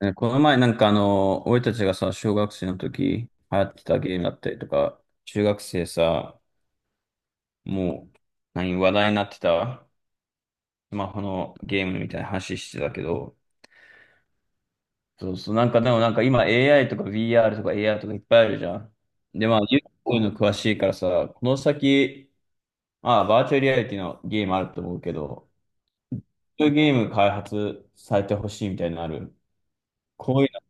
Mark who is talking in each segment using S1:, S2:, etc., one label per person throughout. S1: ねこの前俺たちがさ、小学生の時流行ってたゲームだったりとか、中学生さ、もう、何、話題になってた、スマホのゲームみたいな話してたけど、そうそう、なんかでもなんか今 AI とか VR とか AR とかいっぱいあるじゃん。で、まあ、ゆうこういうの詳しいからさ、この先、ああ、バーチャルリアリティのゲームあると思うけど、そういうゲーム開発されてほしいみたいなのある。こういうの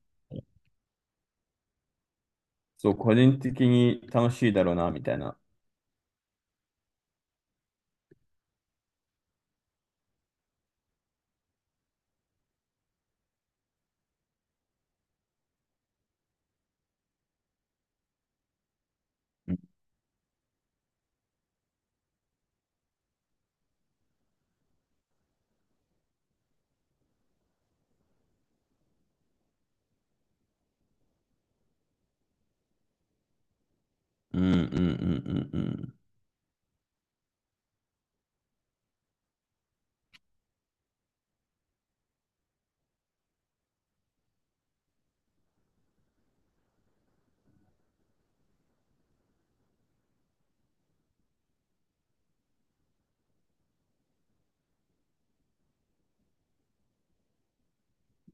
S1: そう、個人的に楽しいだろうな、みたいな。うんうんうん、うん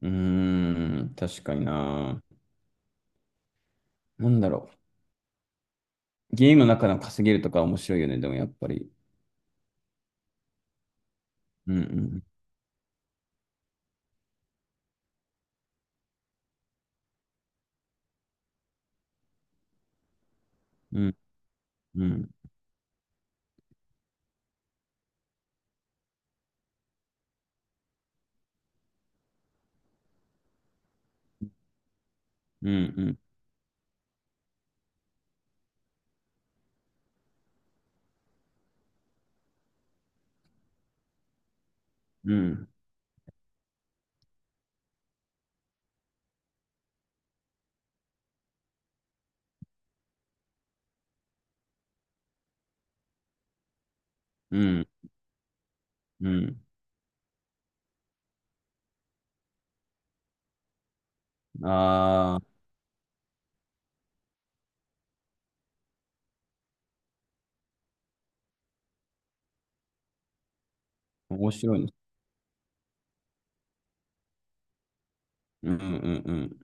S1: うん。うーん、確かにな。なんだろゲームの中の稼げるとか面白いよね、でもやっぱり。うんうんうん、うんうんうん、うんうんうん。ああー、面白いね。うんうんうん。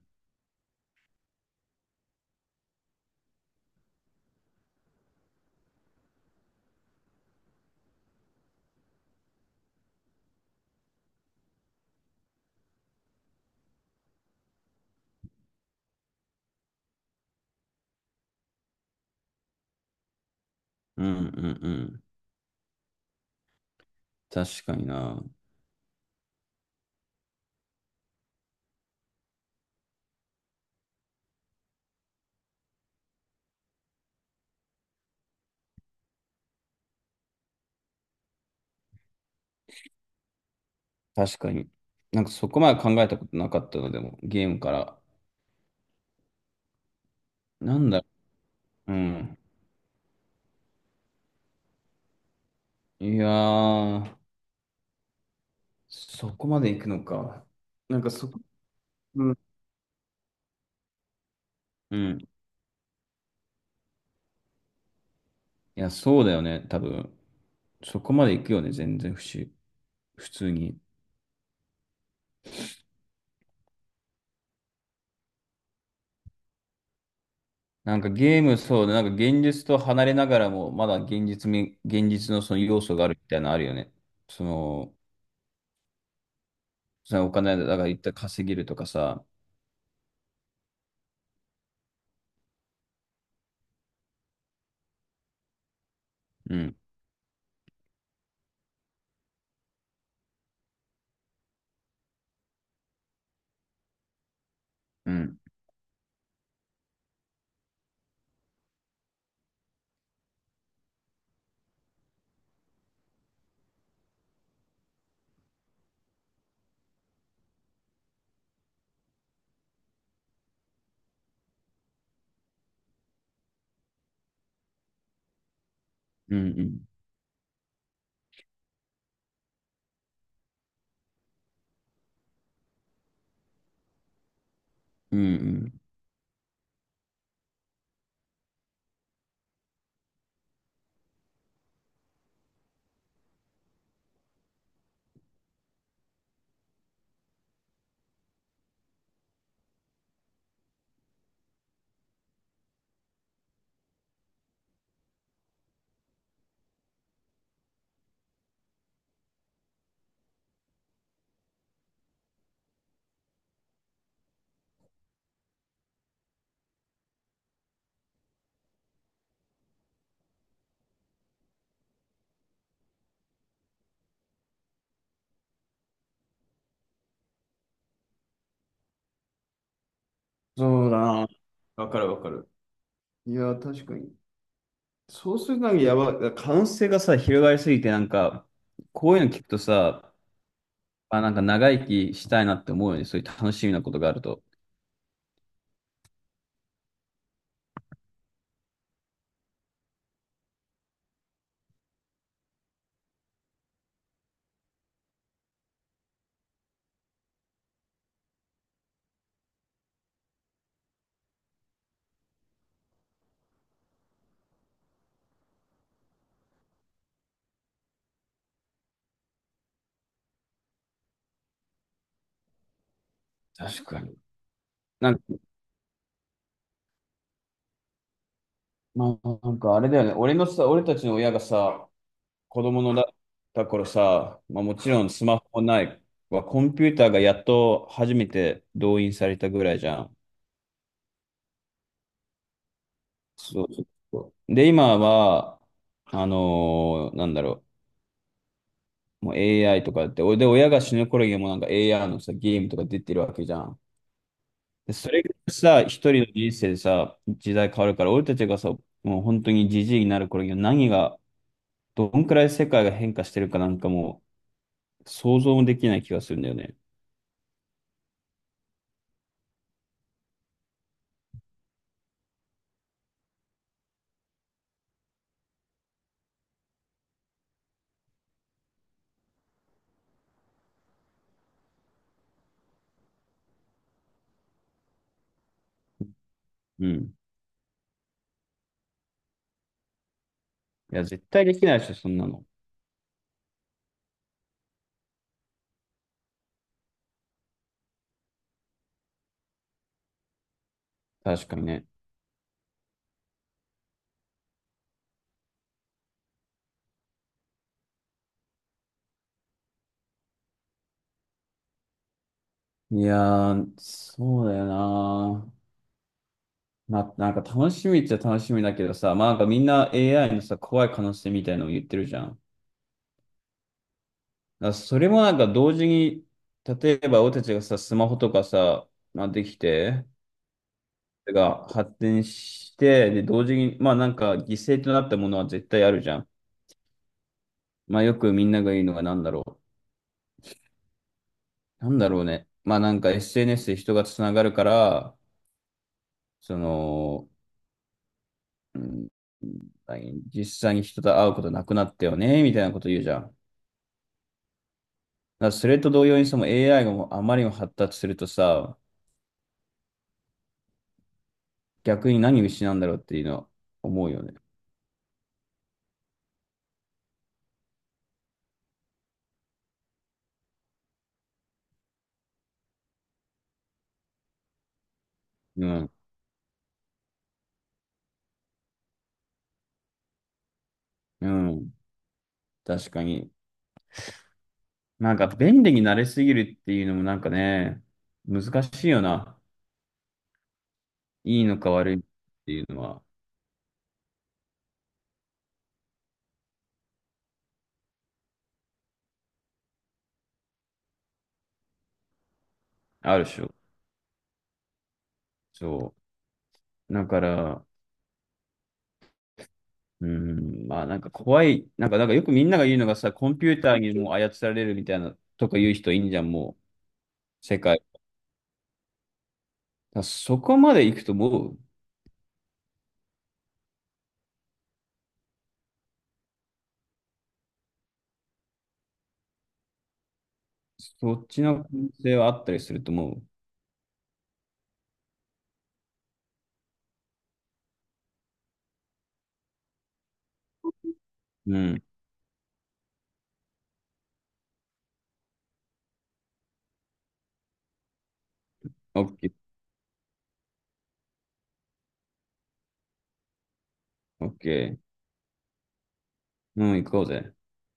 S1: うんうんうん。確かにな。確かに。なんかそこまで考えたことなかったのでも、ゲームから。なんだろうん。いやー、そこまで行くのか。なんかそこ、うん。うん、いや、そうだよね、多分。そこまで行くよね、全然不思、普通に。なんかゲーム、そうだ、なんか現実と離れながらも、まだ現実み、現実のその要素があるみたいなのあるよね。その、そのお金だから一旦稼げるとかさ。うんうん。うん。うん。うん。うん、そうだな。わかるわかる。いや、確かに。そうする限りやばい。可能性がさ、広がりすぎて、なんか、こういうの聞くとさ、あ、なんか長生きしたいなって思うよね。そういう楽しみなことがあると。確かに。なんか、まあ、なんかあれだよね。俺のさ、俺たちの親がさ、子供のだ、った頃さ、まあもちろんスマホないはコンピューターがやっと初めて動員されたぐらいじゃん。そうそうそう。で、今は、なんだろう、もう AI とかって、おで、親が死ぬ頃にはもうなんか AI のさ、ゲームとか出てるわけじゃん。で、それがさ、一人の人生でさ、時代変わるから、俺たちがさ、もう本当にじじいになる頃には何が、どんくらい世界が変化してるかなんかもう、想像もできない気がするんだよね。うん。いや、絶対できないでしょ、そんなの。確かにね。いやー、そうだよな。まあ、なんか楽しみっちゃ楽しみだけどさ、まあなんかみんな AI のさ、怖い可能性みたいなのを言ってるじゃん。だからそれもなんか同時に、例えば俺たちがさ、スマホとかさ、まあできて、が発展して、で、同時に、まあなんか犠牲となったものは絶対あるじゃん。まあよくみんなが言うのがなんだろう。なんだろうね。まあなんか SNS で人がつながるから、その、うん、実際に人と会うことなくなったよね、みたいなこと言うじゃん。だからそれと同様にその AI がもうあまりにも発達するとさ、逆に何を失うんだろうっていうのは思うよね。うん。うん。確かに。なんか便利になれすぎるっていうのもなんかね、難しいよな。いいのか悪いっていうのはあるでしょ。そう。だから、うん、まあなんか怖い。なんか、なんかよくみんなが言うのがさ、コンピューターにもう操られるみたいなとか言う人いんじゃん、もう、世界。だからそこまで行くともう、そっちの可能性はあったりすると思う。うん。オッケー、オッケー。うん、行こうぜ。